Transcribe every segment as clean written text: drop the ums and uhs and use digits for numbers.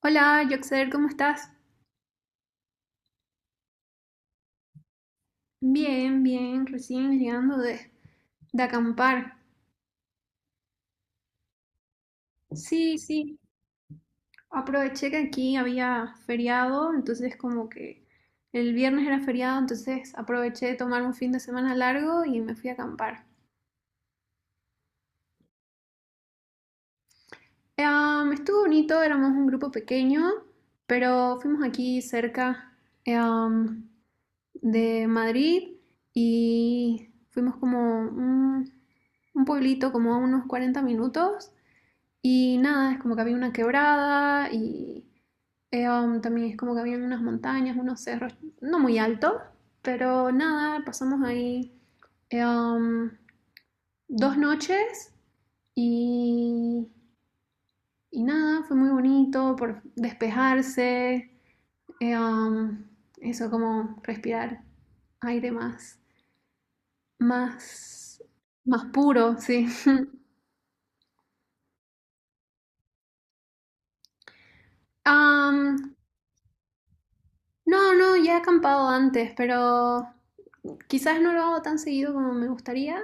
Hola, Joxer, ¿cómo estás? Bien, bien, recién llegando de acampar. Sí, sí, aproveché que aquí había feriado, entonces como que el viernes era feriado, entonces aproveché de tomar un fin de semana largo y me fui a acampar. Estuvo bonito, éramos un grupo pequeño, pero fuimos aquí cerca em, de Madrid y fuimos como un pueblito como a unos 40 minutos. Y nada, es como que había una quebrada y también es como que había unas montañas, unos cerros, no muy altos, pero nada, pasamos ahí eh, um, dos noches y, y nada, fue muy bonito por despejarse, eh, um, eso como respirar aire más, más puro, sí. Um, no, no, ya he acampado antes, pero quizás no lo hago tan seguido como me gustaría,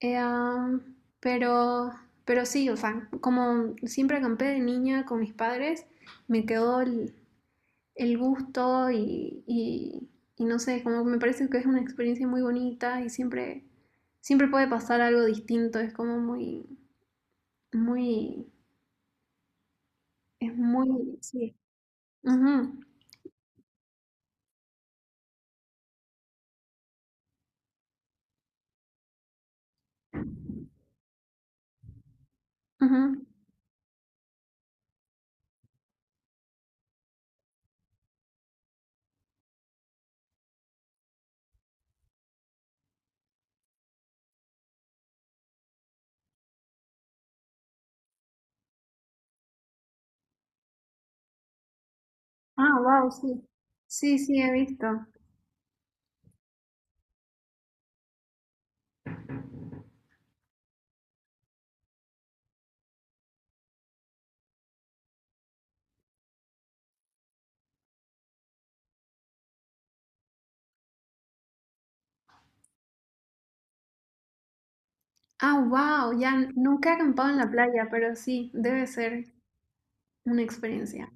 eh, um, pero, pero sí, o sea, como siempre acampé de niña con mis padres, me quedó el gusto y, no sé, como me parece que es una experiencia muy bonita y siempre, siempre puede pasar algo distinto, es como muy, es muy, sí. Ujú, ujú. Ah, wow, sí. Sí, sí, he visto. Ah, wow, ya nunca he acampado en la playa, pero sí, debe ser una experiencia.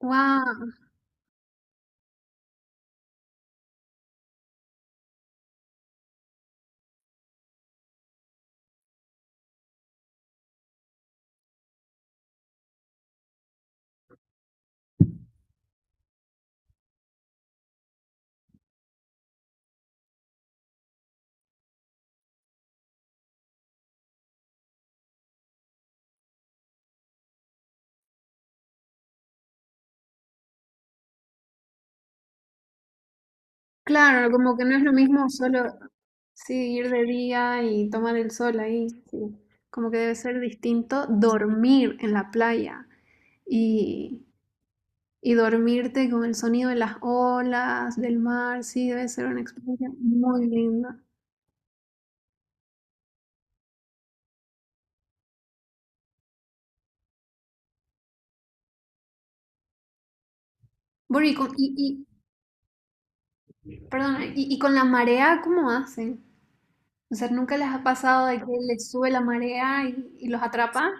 Wow, claro, como que no es lo mismo solo, sí, ir de día y tomar el sol ahí, sí. Como que debe ser distinto dormir en la playa y, y dormirte con el sonido de las olas, del mar, sí, debe ser una experiencia muy linda. Bueno, perdón, y con la marea, ¿cómo hacen? O sea, ¿nunca les ha pasado de que les sube la marea y los atrapa?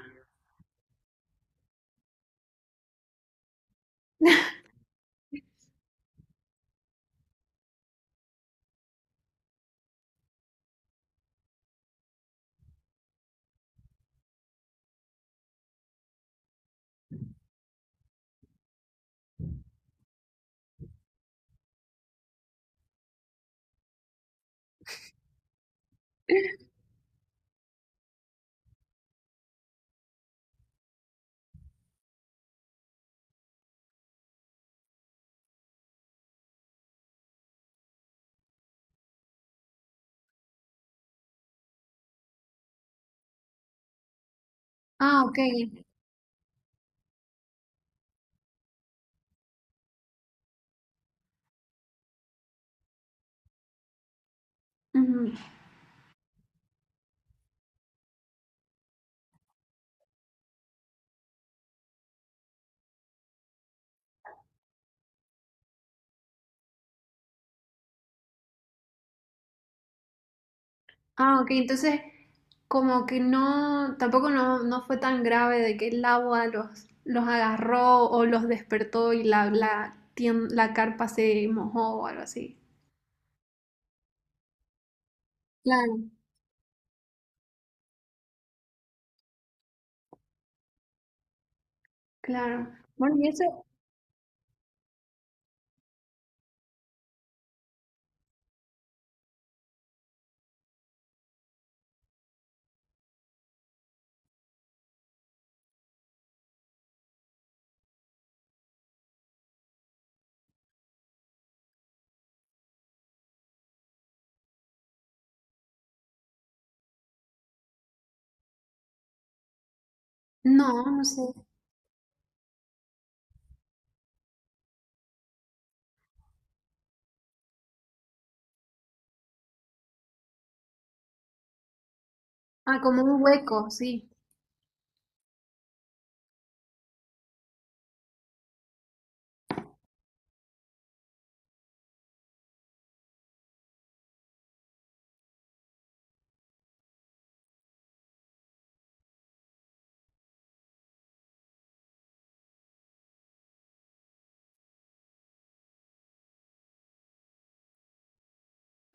Ah, ok. Ujú. Ah, ok, entonces como que no, tampoco no, no fue tan grave de que el agua los agarró o los despertó y la carpa se mojó o algo así. Claro, claro. Bueno, y eso, no, no sé. Ah, como un hueco, sí.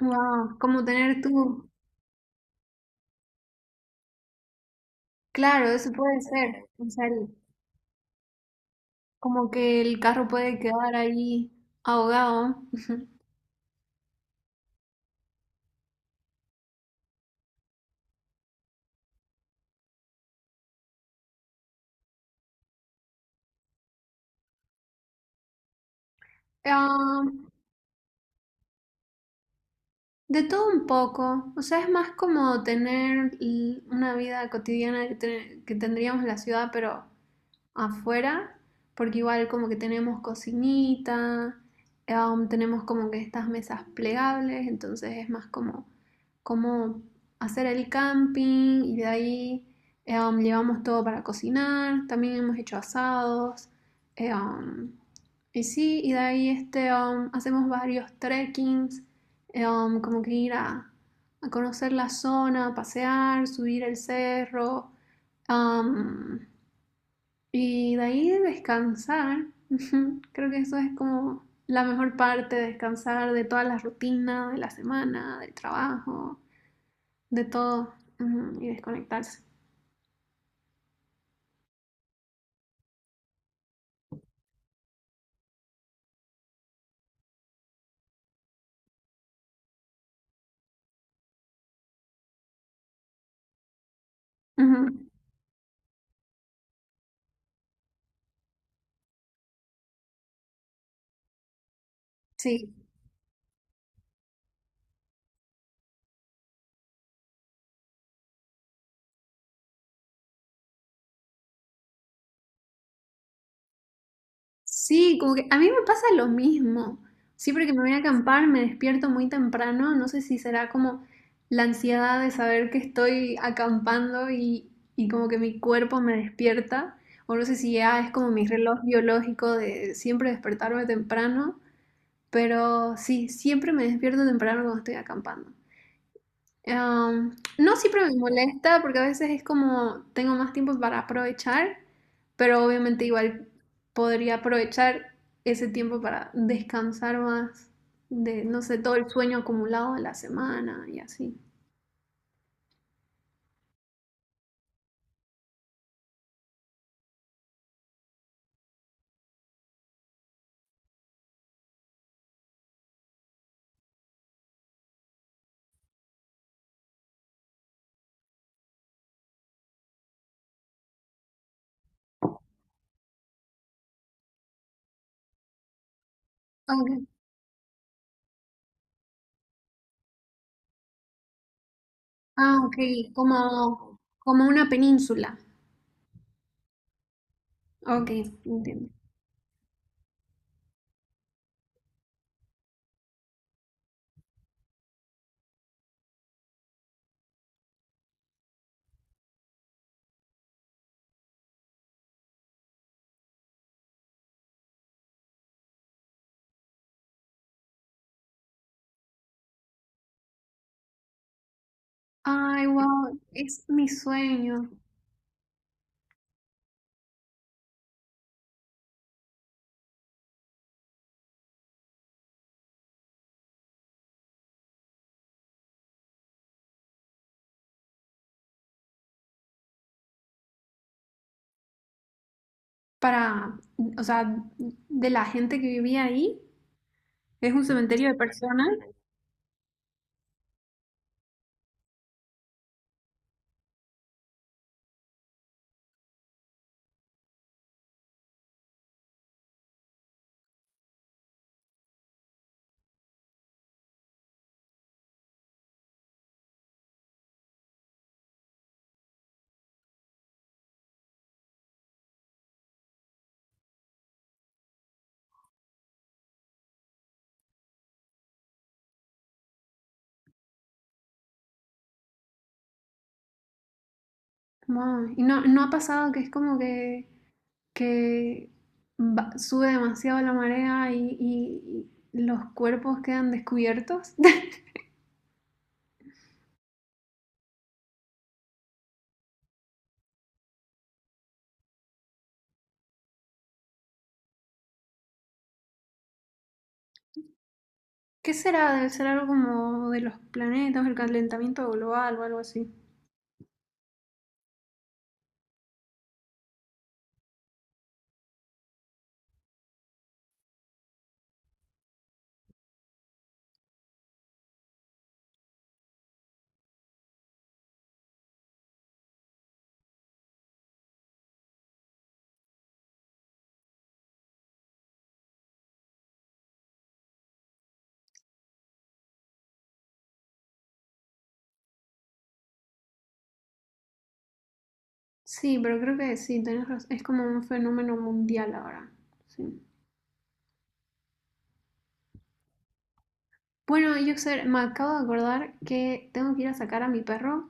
Wow, como tener tú. Claro, eso puede ser. O sea, como que el carro puede quedar ahí ahogado. Ah, de todo un poco, o sea, es más como tener una vida cotidiana que tendríamos en la ciudad, pero afuera, porque igual como que tenemos cocinita, tenemos como que estas mesas plegables, entonces es más como hacer el camping y de ahí llevamos todo para cocinar, también hemos hecho asados, eh, um, y sí, y de ahí este, hacemos varios trekkings, como que ir a conocer la zona, pasear, subir el cerro, um, y de ahí de descansar, creo que eso es como la mejor parte, descansar de todas las rutinas de la semana, del trabajo, de todo, ujú, y desconectarse. Ujú, sí, sí, como que a mí me pasa lo mismo. Siempre que me voy a acampar me despierto muy temprano, no sé si será como la ansiedad de saber que estoy acampando y como que mi cuerpo me despierta, o no sé si ya es como mi reloj biológico de siempre despertarme temprano. Pero sí, siempre me despierto temprano cuando estoy acampando. Am, no siempre me molesta porque a veces es como tengo más tiempo para aprovechar, pero obviamente igual podría aprovechar ese tiempo para descansar más de, no sé, todo el sueño acumulado de la semana y así. Ok. Ah, ok, como, como una península. Ok, entiendo. Ay, wow, es mi sueño. Para, o sea, de la gente que vivía ahí. Es un cementerio de personas. Wow. Y no, no ha pasado que es como que sube demasiado la marea y los cuerpos quedan descubiertos. ¿Qué será? Debe ser algo como de los planetas, el calentamiento global o algo así. Sí, pero creo que sí, tenés razón. Es como un fenómeno mundial ahora. Sí. Bueno, yo me acabo de acordar que tengo que ir a sacar a mi perro,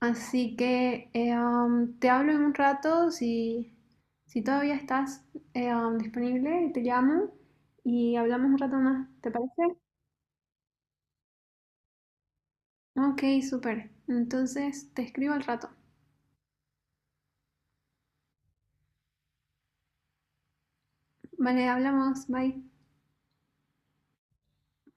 así que te hablo en un rato si, si todavía estás disponible, te llamo y hablamos un rato más, ¿te parece? Ok, súper. Entonces te escribo al rato. Vale, hablamos, bye.